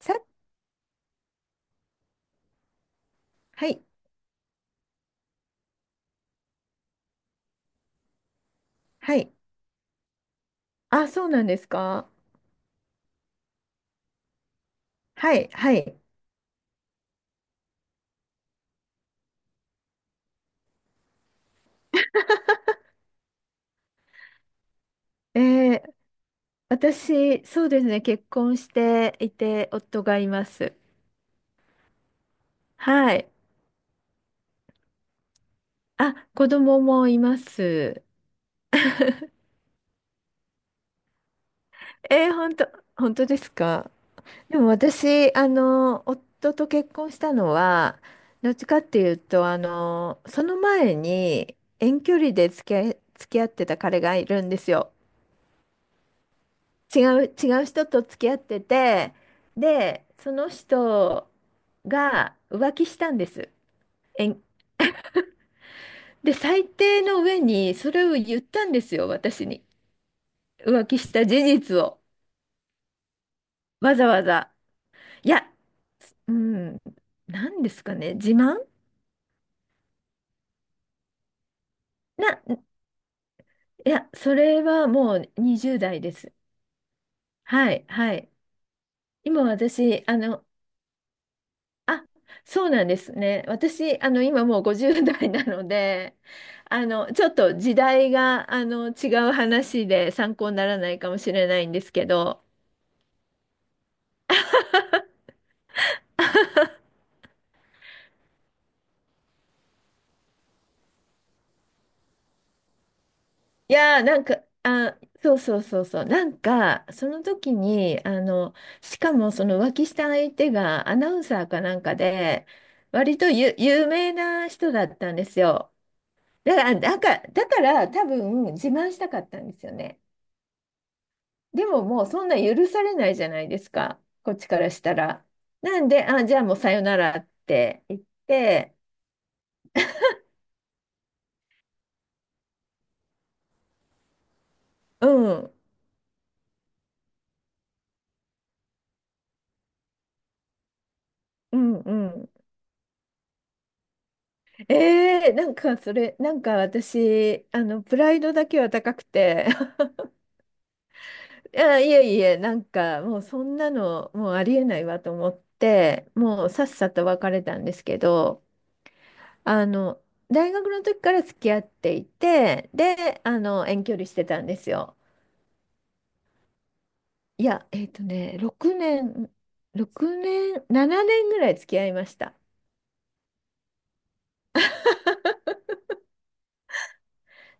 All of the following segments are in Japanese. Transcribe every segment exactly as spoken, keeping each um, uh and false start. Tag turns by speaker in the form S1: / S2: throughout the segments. S1: さ、はい、はい。あ、そうなんですか。はい、はい。えー、私、そうですね、結婚していて、夫がいます。はい。あ、子供もいます。えー、本当、本当ですか。でも私、あの、夫と結婚したのは、どっちかっていうと、あの、その前に遠距離で付き合い、付き合ってた彼がいるんですよ。違う、違う人と付き合ってて、で、その人が浮気したんです。えんで、最低の上にそれを言ったんですよ、私に。浮気した事実を。わざわざ。いや、うん、なんですかね、自慢な、いや、それはもうにじゅうだい代です。はい、はい。今私、あの、あ、そうなんですね。私、あの、今もうごじゅうだい代なので、あの、ちょっと時代が、あの、違う話で参考にならないかもしれないんですけど、いやー、なんか、あ、そうそうそうそう、なんか、その時に、あの、しかもその浮気した相手がアナウンサーかなんかで、割とゆ有名な人だったんですよ。だから、だから、だから多分自慢したかったんですよね。でももうそんな許されないじゃないですか、こっちからしたら。なんで、あ、じゃあもうさよならって言って、うん、うん、うん。えー、なんかそれ、なんか私、あの、プライドだけは高くて、いや、いえいえ、なんかもうそんなの、もうありえないわと思って、もうさっさと別れたんですけど、あの、大学の時から付き合っていて、で、あの、遠距離してたんですよ。いや、えっとね、ろくねん、ろくねん、ななねんぐらい付き合いました。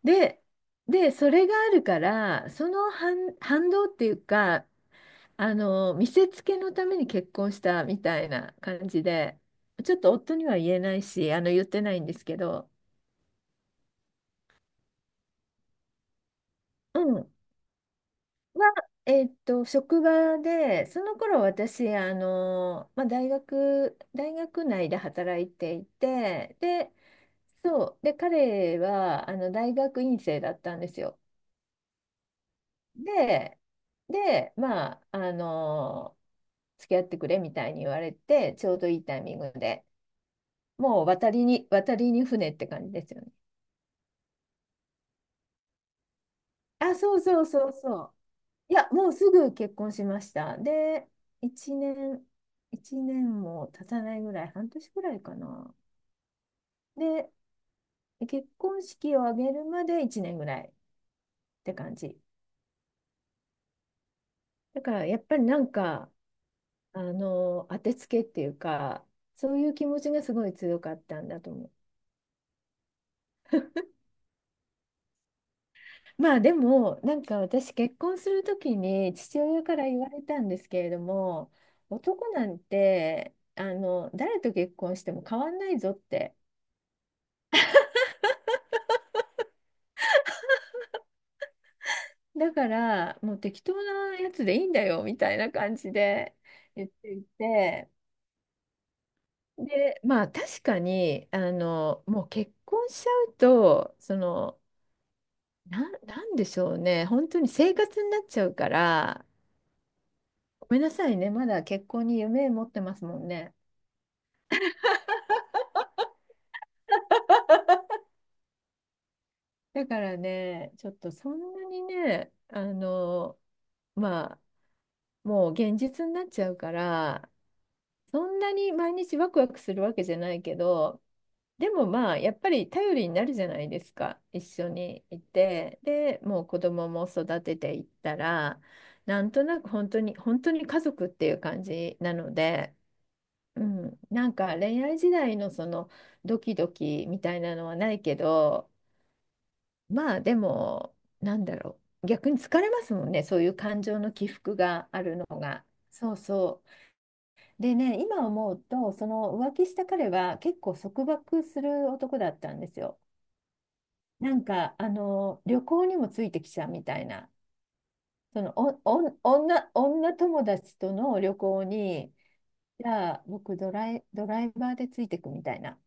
S1: で、で、それがあるから、その反、反動っていうか、あの、見せつけのために結婚したみたいな感じで、ちょっと夫には言えないし、あの、言ってないんですけど、うん。は、えっと、職場で、その頃私、あの、まあ、大学、大学内で働いていて、で、そう。で、彼は、あの、大学院生だったんですよ。で、で、まあ、あの、付き合ってくれみたいに言われて、ちょうどいいタイミングで、もう渡りに、渡りに船って感じですよね。あ、そうそうそうそう。いや、もうすぐ結婚しました。で、いちねん、いちねんも経たないぐらい、半年ぐらいかな。で、結婚式を挙げるまでいちねんぐらいって感じ。だからやっぱりなんか、あの、当てつけっていうか、そういう気持ちがすごい強かったんだと思う。まあでも、なんか私結婚するときに父親から言われたんですけれども、男なんて、あの、誰と結婚しても変わんないぞって。だから、もう適当なやつでいいんだよ、みたいな感じで言っていて、で、まあ確かに、あの、もう結婚しちゃうと、その、なん、なんでしょうね。本当に生活になっちゃうから、ごめんなさいね。まだ結婚に夢持ってますもんね。だからね、ちょっとそんなにね、あの、まあ、もう現実になっちゃうから、そんなに毎日ワクワクするわけじゃないけど、でもまあ、やっぱり頼りになるじゃないですか。一緒にいて。で、もう子供も育てていったら、なんとなく本当に、本当に家族っていう感じなので、うん、なんか恋愛時代のそのドキドキみたいなのはないけど、まあでも、なんだろう、逆に疲れますもんね、そういう感情の起伏があるのが。そうそう。でね、今思うとその浮気した彼は結構束縛する男だったんですよ。なんかあの旅行にもついてきちゃうみたいな、そのおお女、女友達との旅行に、じゃあ僕ドライ、ドライバーでついてくみたいな。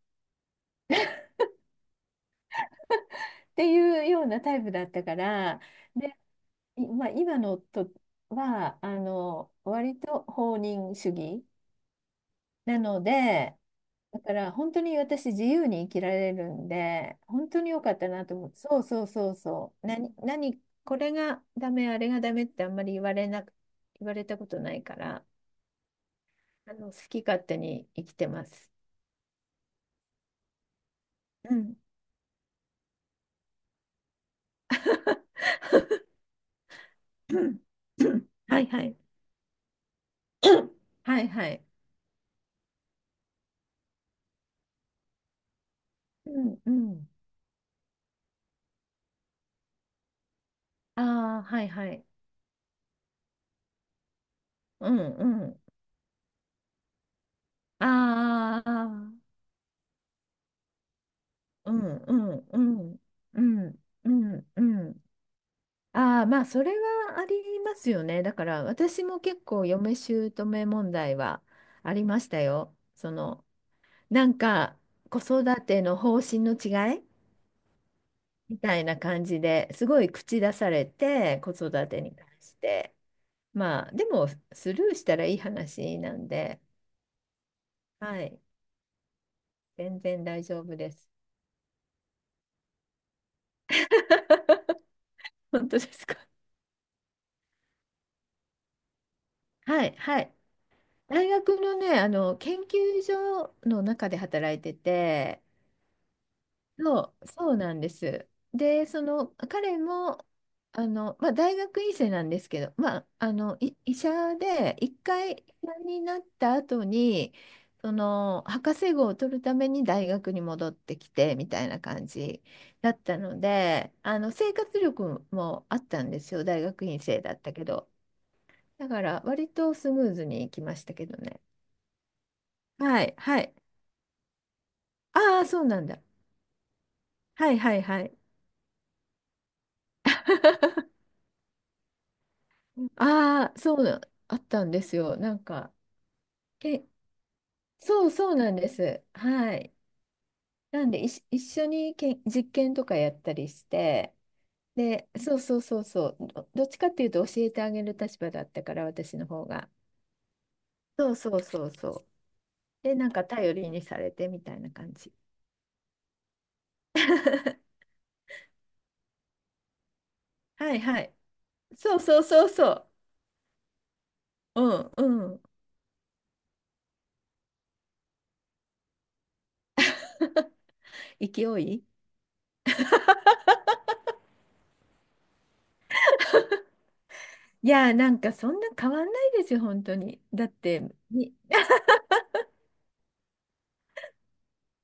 S1: っていうようなタイプだったから、で、いまあ、今の夫はあの割と放任主義なので、だから本当に私自由に生きられるんで、本当に良かったなと思って、そうそうそうそう、何、何、これがダメ、あれがダメってあんまり言われなく、言われたことないから、あの好き勝手に生きてます。うん。うんうん、はいはい。はいはい。うんうん。ああ、はいはい。うんうん。ああ、うんうんうんうんうんうん。ああ、まあそれはありますよね。だから私も結構嫁姑問題はありましたよ。その、なんか子育ての方針の違いみたいな感じですごい口出されて、子育てに関して。まあでもスルーしたらいい話なんで、はい、全然大丈夫です。本当ですか？はい、はい。大学のね、あの、研究所の中で働いてて、そう、そうなんです。で、その、彼も、あの、まあ、大学院生なんですけど、まあ、あの、い医者で、一回医者になった後に、その、博士号を取るために大学に戻ってきて、みたいな感じだったので、あの、生活力もあったんですよ、大学院生だったけど。だから、割とスムーズにいきましたけどね。はい、はい。ああ、そうなんだ。はいはいはい。ああ、そうな、あったんですよ。なんか、け、そうそうなんです。はい。なんで、いし、一緒にけん、実験とかやったりして、で、そうそうそうそう、ど、どっちかっていうと教えてあげる立場だったから、私の方が。そうそうそうそう。で、なんか頼りにされてみたいな感じ。はいはい。そうそうそうそう。うんうん。勢い。いやー、なんかそんな変わんないですよ、本当に。だって、み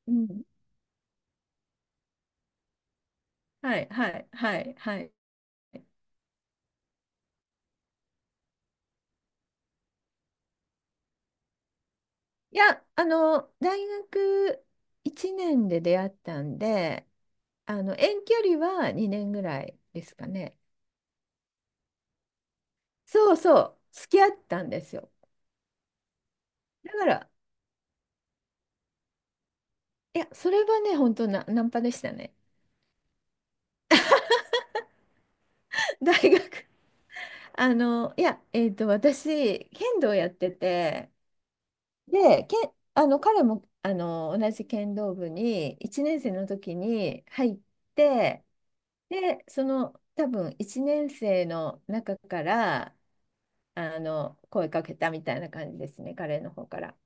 S1: うん。はい、はい、はい、はい。いや、あの、大学いちねんで出会ったんで、あの、遠距離はにねんぐらいですかね。そうそう、付き合ったんですよ。だから、いや、それはね、本当な、ナンパでしたね。大学あの、いや、えっと、私、剣道やってて、で、けあの、彼も、あの、同じ剣道部に、いちねん生の時に入って、で、その多分いちねん生の中からあの声かけたみたいな感じですね、彼の方から。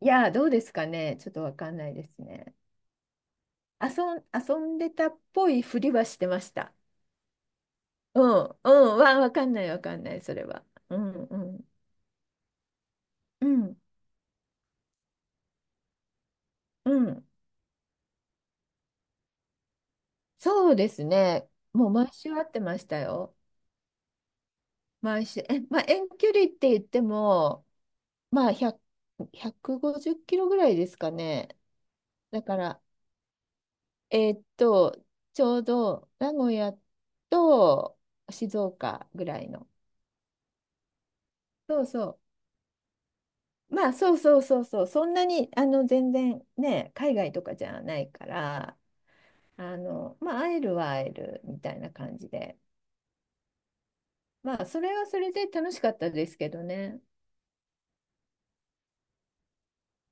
S1: いやー、どうですかね、ちょっとわかんないですね。遊ん、遊んでたっぽいふりはしてました。うん、うん、わ、わかんない、わかんない、それは。うん、うん、うん、うん。そうですね、もう毎週会ってましたよ。毎週、え、まあ、遠距離って言っても、まあ、ひゃく、ひゃくごじゅっキロぐらいですかね。だから、えーっと、ちょうど名古屋と静岡ぐらいの。そうそう。まあそうそうそうそう。そんなにあの全然ね、海外とかじゃないから、あの、まあ会えるは会えるみたいな感じで。まあそれはそれで楽しかったですけどね。